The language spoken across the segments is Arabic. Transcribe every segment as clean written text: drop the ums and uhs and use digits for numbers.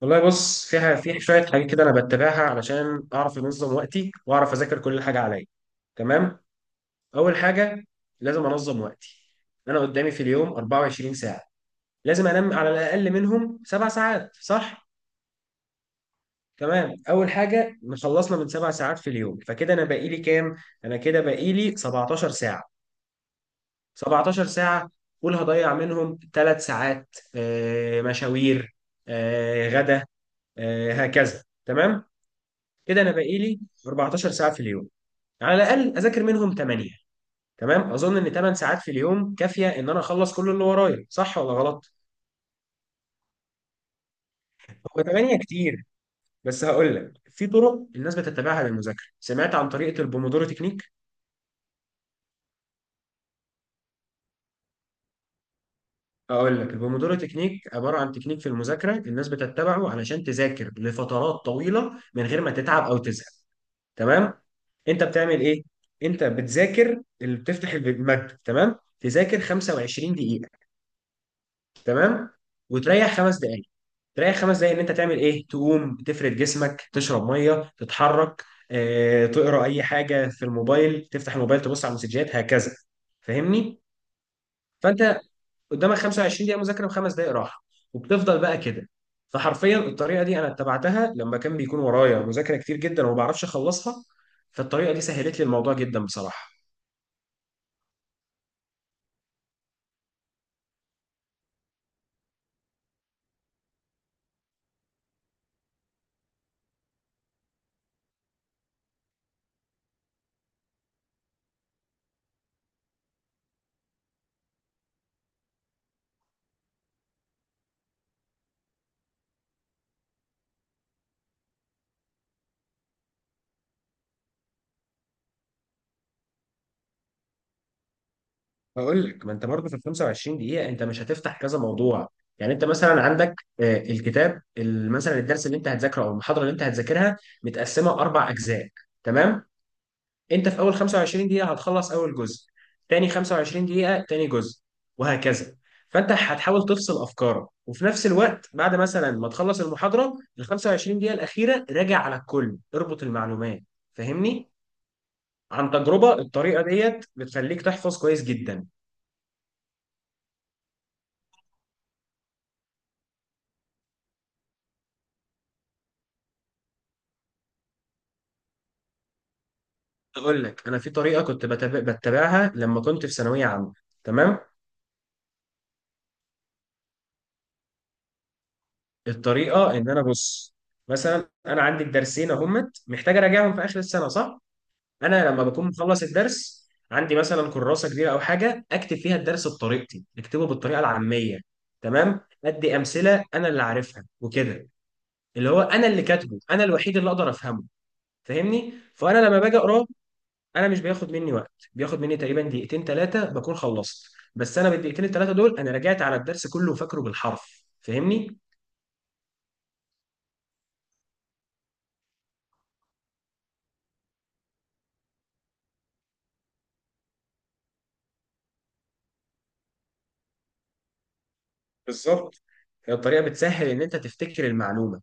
والله بص، فيها في شويه حاجات كده انا بتبعها علشان اعرف انظم وقتي واعرف اذاكر كل حاجه عليا. تمام، اول حاجه لازم انظم وقتي. انا قدامي في اليوم 24 ساعه. لازم انام على الاقل منهم سبع ساعات، صح؟ تمام، اول حاجه خلصنا من سبع ساعات في اليوم، فكده انا باقي لي كام؟ انا كده باقي لي 17 ساعه. 17 ساعه، قول هضيع منهم ثلاث ساعات مشاوير، غدا، هكذا. تمام، كده انا باقي لي 14 ساعه في اليوم، يعني على الاقل اذاكر منهم 8. تمام، اظن ان 8 ساعات في اليوم كافيه ان انا اخلص كل اللي ورايا، صح ولا غلط؟ هو 8 كتير، بس هقول لك في طرق الناس بتتبعها للمذاكره. سمعت عن طريقه البومودورو تكنيك؟ اقول لك، البومودورو تكنيك عباره عن تكنيك في المذاكره الناس بتتبعه علشان تذاكر لفترات طويله من غير ما تتعب او تزهق. تمام، انت بتعمل ايه؟ انت بتذاكر، اللي بتفتح الماده، تمام، تذاكر 25 دقيقه، تمام، وتريح خمس دقائق. تريح خمس دقائق ان انت تعمل ايه؟ تقوم تفرد جسمك، تشرب ميه، تتحرك، تقرا اي حاجه في الموبايل، تفتح الموبايل، تبص على المسجات، هكذا، فاهمني؟ فانت قدامك 25 دقيقه مذاكره وخمس دقائق راحه، وبتفضل بقى كده. فحرفيا الطريقه دي انا اتبعتها لما كان بيكون ورايا مذاكره كتير جدا وما بعرفش اخلصها، فالطريقه دي سهلت لي الموضوع جدا بصراحه. بقول لك، ما انت برضه في ال 25 دقيقة انت مش هتفتح كذا موضوع. يعني انت مثلا عندك الكتاب مثلا الدرس اللي انت هتذاكره او المحاضرة اللي انت هتذاكرها متقسمة اربع اجزاء، تمام؟ انت في اول 25 دقيقة هتخلص اول جزء، تاني 25 دقيقة تاني جزء، وهكذا. فانت هتحاول تفصل افكارك، وفي نفس الوقت بعد مثلا ما تخلص المحاضرة ال 25 دقيقة الأخيرة راجع على الكل، اربط المعلومات، فاهمني؟ عن تجربة الطريقة ديت بتخليك تحفظ كويس جدا. اقول لك، انا في طريقه كنت بتبعها لما كنت في ثانويه عامه. تمام، الطريقه ان انا، بص، مثلا انا عندي الدرسين اهمت محتاج اراجعهم في اخر السنه، صح؟ انا لما بكون مخلص الدرس عندي مثلا كراسه كبيره او حاجه اكتب فيها الدرس بطريقتي، اكتبه بالطريقه العاميه، تمام، ادي امثله انا اللي عارفها وكده، اللي هو انا اللي كاتبه انا الوحيد اللي اقدر افهمه، فاهمني؟ فانا لما باجي اقراه انا مش بياخد مني وقت، بياخد مني تقريبا دقيقتين ثلاثه بكون خلصت. بس انا بالدقيقتين الثلاثه دول انا رجعت على الدرس كله وفاكره بالحرف، فاهمني؟ بالظبط، هي الطريقه بتسهل ان انت تفتكر المعلومه.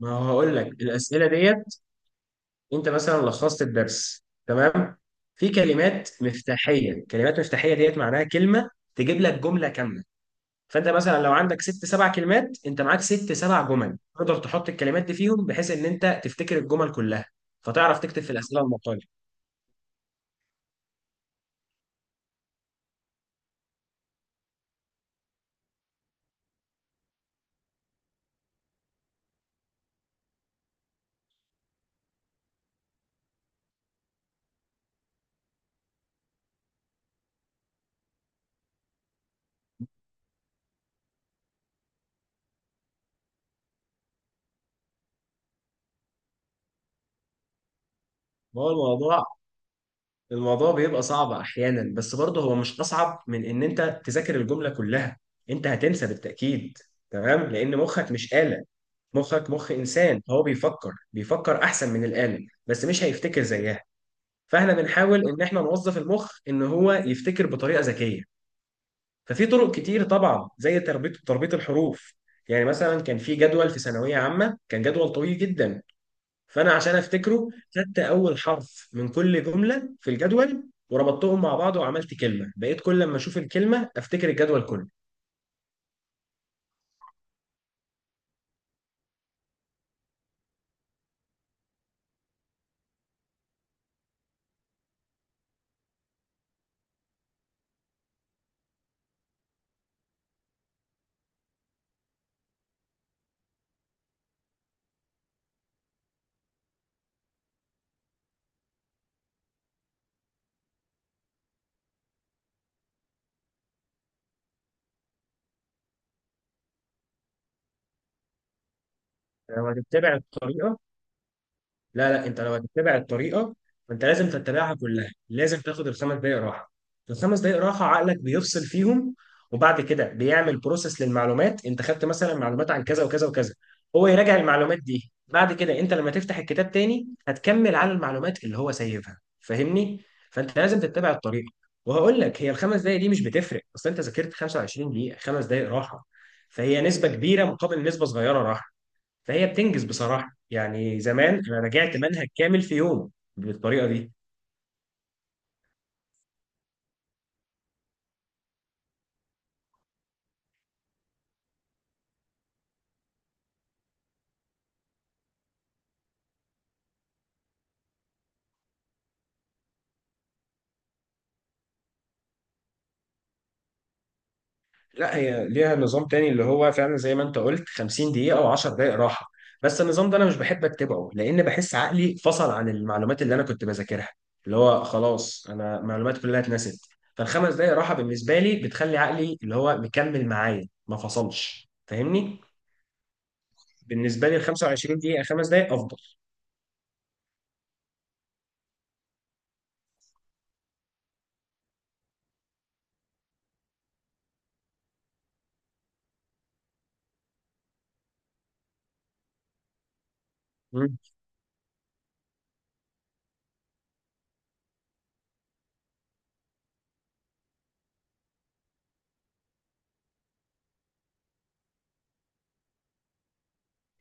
ما هو هقول لك الاسئله ديت، انت مثلا لخصت الدرس تمام، في كلمات مفتاحيه. كلمات مفتاحيه ديت معناها كلمه تجيب لك جمله كامله، فانت مثلا لو عندك ست سبع كلمات انت معاك ست سبع جمل، تقدر تحط الكلمات دي فيهم بحيث ان انت تفتكر الجمل كلها، فتعرف تكتب في الاسئله المقالة. هو الموضوع، الموضوع بيبقى صعب احيانا، بس برضه هو مش اصعب من ان انت تذاكر الجمله كلها. انت هتنسى بالتاكيد، تمام، لان مخك مش آلة. مخك مخ انسان، هو بيفكر بيفكر احسن من الآلة، بس مش هيفتكر زيها. فاحنا بنحاول ان احنا نوظف المخ ان هو يفتكر بطريقه ذكيه. ففي طرق كتير طبعا، زي تربيط، الحروف. يعني مثلا كان في جدول في ثانويه عامه، كان جدول طويل جدا، فانا عشان افتكره خدت اول حرف من كل جمله في الجدول وربطتهم مع بعض وعملت كلمه، بقيت كل لما اشوف الكلمه افتكر الجدول كله. لو هتتبع الطريقه، لا، انت لو هتتبع الطريقه فانت لازم تتبعها كلها، لازم تاخد الخمس دقائق راحه. الخمس دقائق راحه عقلك بيفصل فيهم، وبعد كده بيعمل بروسيس للمعلومات. انت خدت مثلا معلومات عن كذا وكذا وكذا، هو يراجع المعلومات دي بعد كده. انت لما تفتح الكتاب تاني هتكمل على المعلومات اللي هو سايبها، فاهمني؟ فانت لازم تتبع الطريقه. وهقول لك، هي الخمس دقائق دي مش بتفرق، اصل انت ذاكرت 25 دقيقه، خمس دقائق راحه، فهي نسبه كبيره مقابل نسبه صغيره راحه. فهي بتنجز بصراحة، يعني زمان أنا رجعت منهج كامل في يوم بالطريقة دي. لا، هي ليها نظام تاني اللي هو فعلا زي ما أنت قلت 50 دقيقة أو 10 دقايق راحة، بس النظام ده أنا مش بحب أتبعه، لأن بحس عقلي فصل عن المعلومات اللي أنا كنت بذاكرها، اللي هو خلاص أنا معلومات كلها اتنست. فالخمس دقايق راحة بالنسبة لي بتخلي عقلي اللي هو مكمل معايا ما فصلش، فاهمني؟ بالنسبة لي ال 25 دقيقة خمس دقايق أفضل.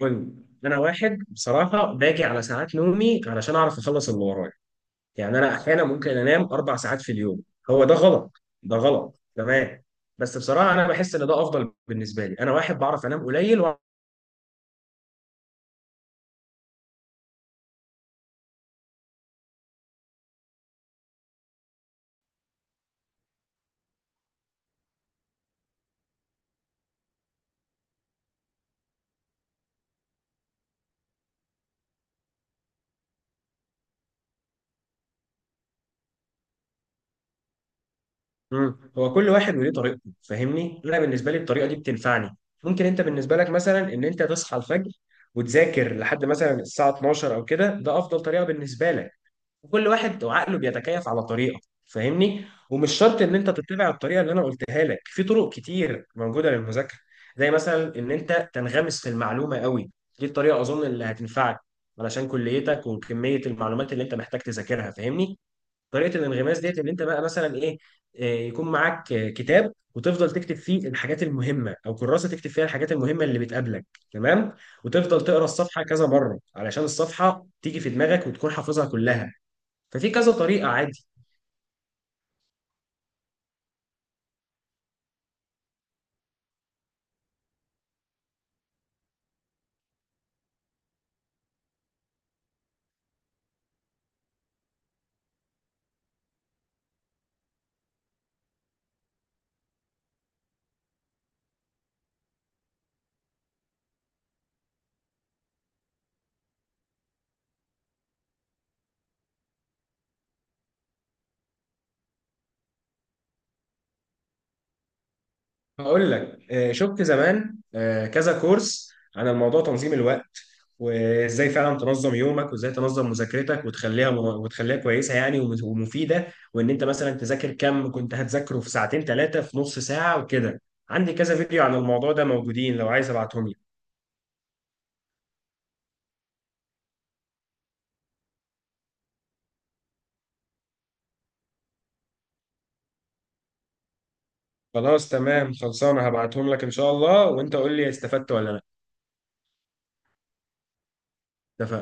المهم، انا واحد بصراحه باجي على ساعات نومي علشان اعرف اخلص اللي ورايا، يعني انا احيانا ممكن انام اربع ساعات في اليوم. هو ده غلط، ده غلط، تمام، بس بصراحه انا بحس ان ده افضل بالنسبه لي. انا واحد بعرف انام قليل و... هو كل واحد وليه طريقته، فاهمني؟ انا بالنسبه لي الطريقه دي بتنفعني. ممكن انت بالنسبه لك مثلا ان انت تصحى الفجر وتذاكر لحد مثلا الساعه 12 او كده، ده افضل طريقه بالنسبه لك. وكل واحد وعقله بيتكيف على طريقه، فاهمني؟ ومش شرط ان انت تتبع الطريقه اللي انا قلتها لك، في طرق كتير موجوده للمذاكره، زي مثلا ان انت تنغمس في المعلومه قوي. دي الطريقه اظن اللي هتنفعك علشان كليتك وكميه المعلومات اللي انت محتاج تذاكرها، فاهمني؟ طريقه الانغماس ديت ان انت بقى مثلا ايه، يكون معاك كتاب وتفضل تكتب فيه الحاجات المهمه، او كراسه تكتب فيها الحاجات المهمه اللي بتقابلك، تمام، وتفضل تقرا الصفحه كذا مره علشان الصفحه تيجي في دماغك وتكون حافظها كلها. ففي كذا طريقة عادي. هقول لك، شفت زمان كذا كورس عن الموضوع تنظيم الوقت، وازاي فعلا تنظم يومك وازاي تنظم مذاكرتك وتخليها، كويسة يعني ومفيدة، وان انت مثلا تذاكر كم كنت هتذاكره في ساعتين ثلاثة في نص ساعة وكده. عندي كذا فيديو عن الموضوع ده موجودين، لو عايز ابعتهم لك. خلاص، تمام، خلصانة، هبعتهم لك ان شاء الله، وانت قول لي استفدت ولا لا. اتفقنا؟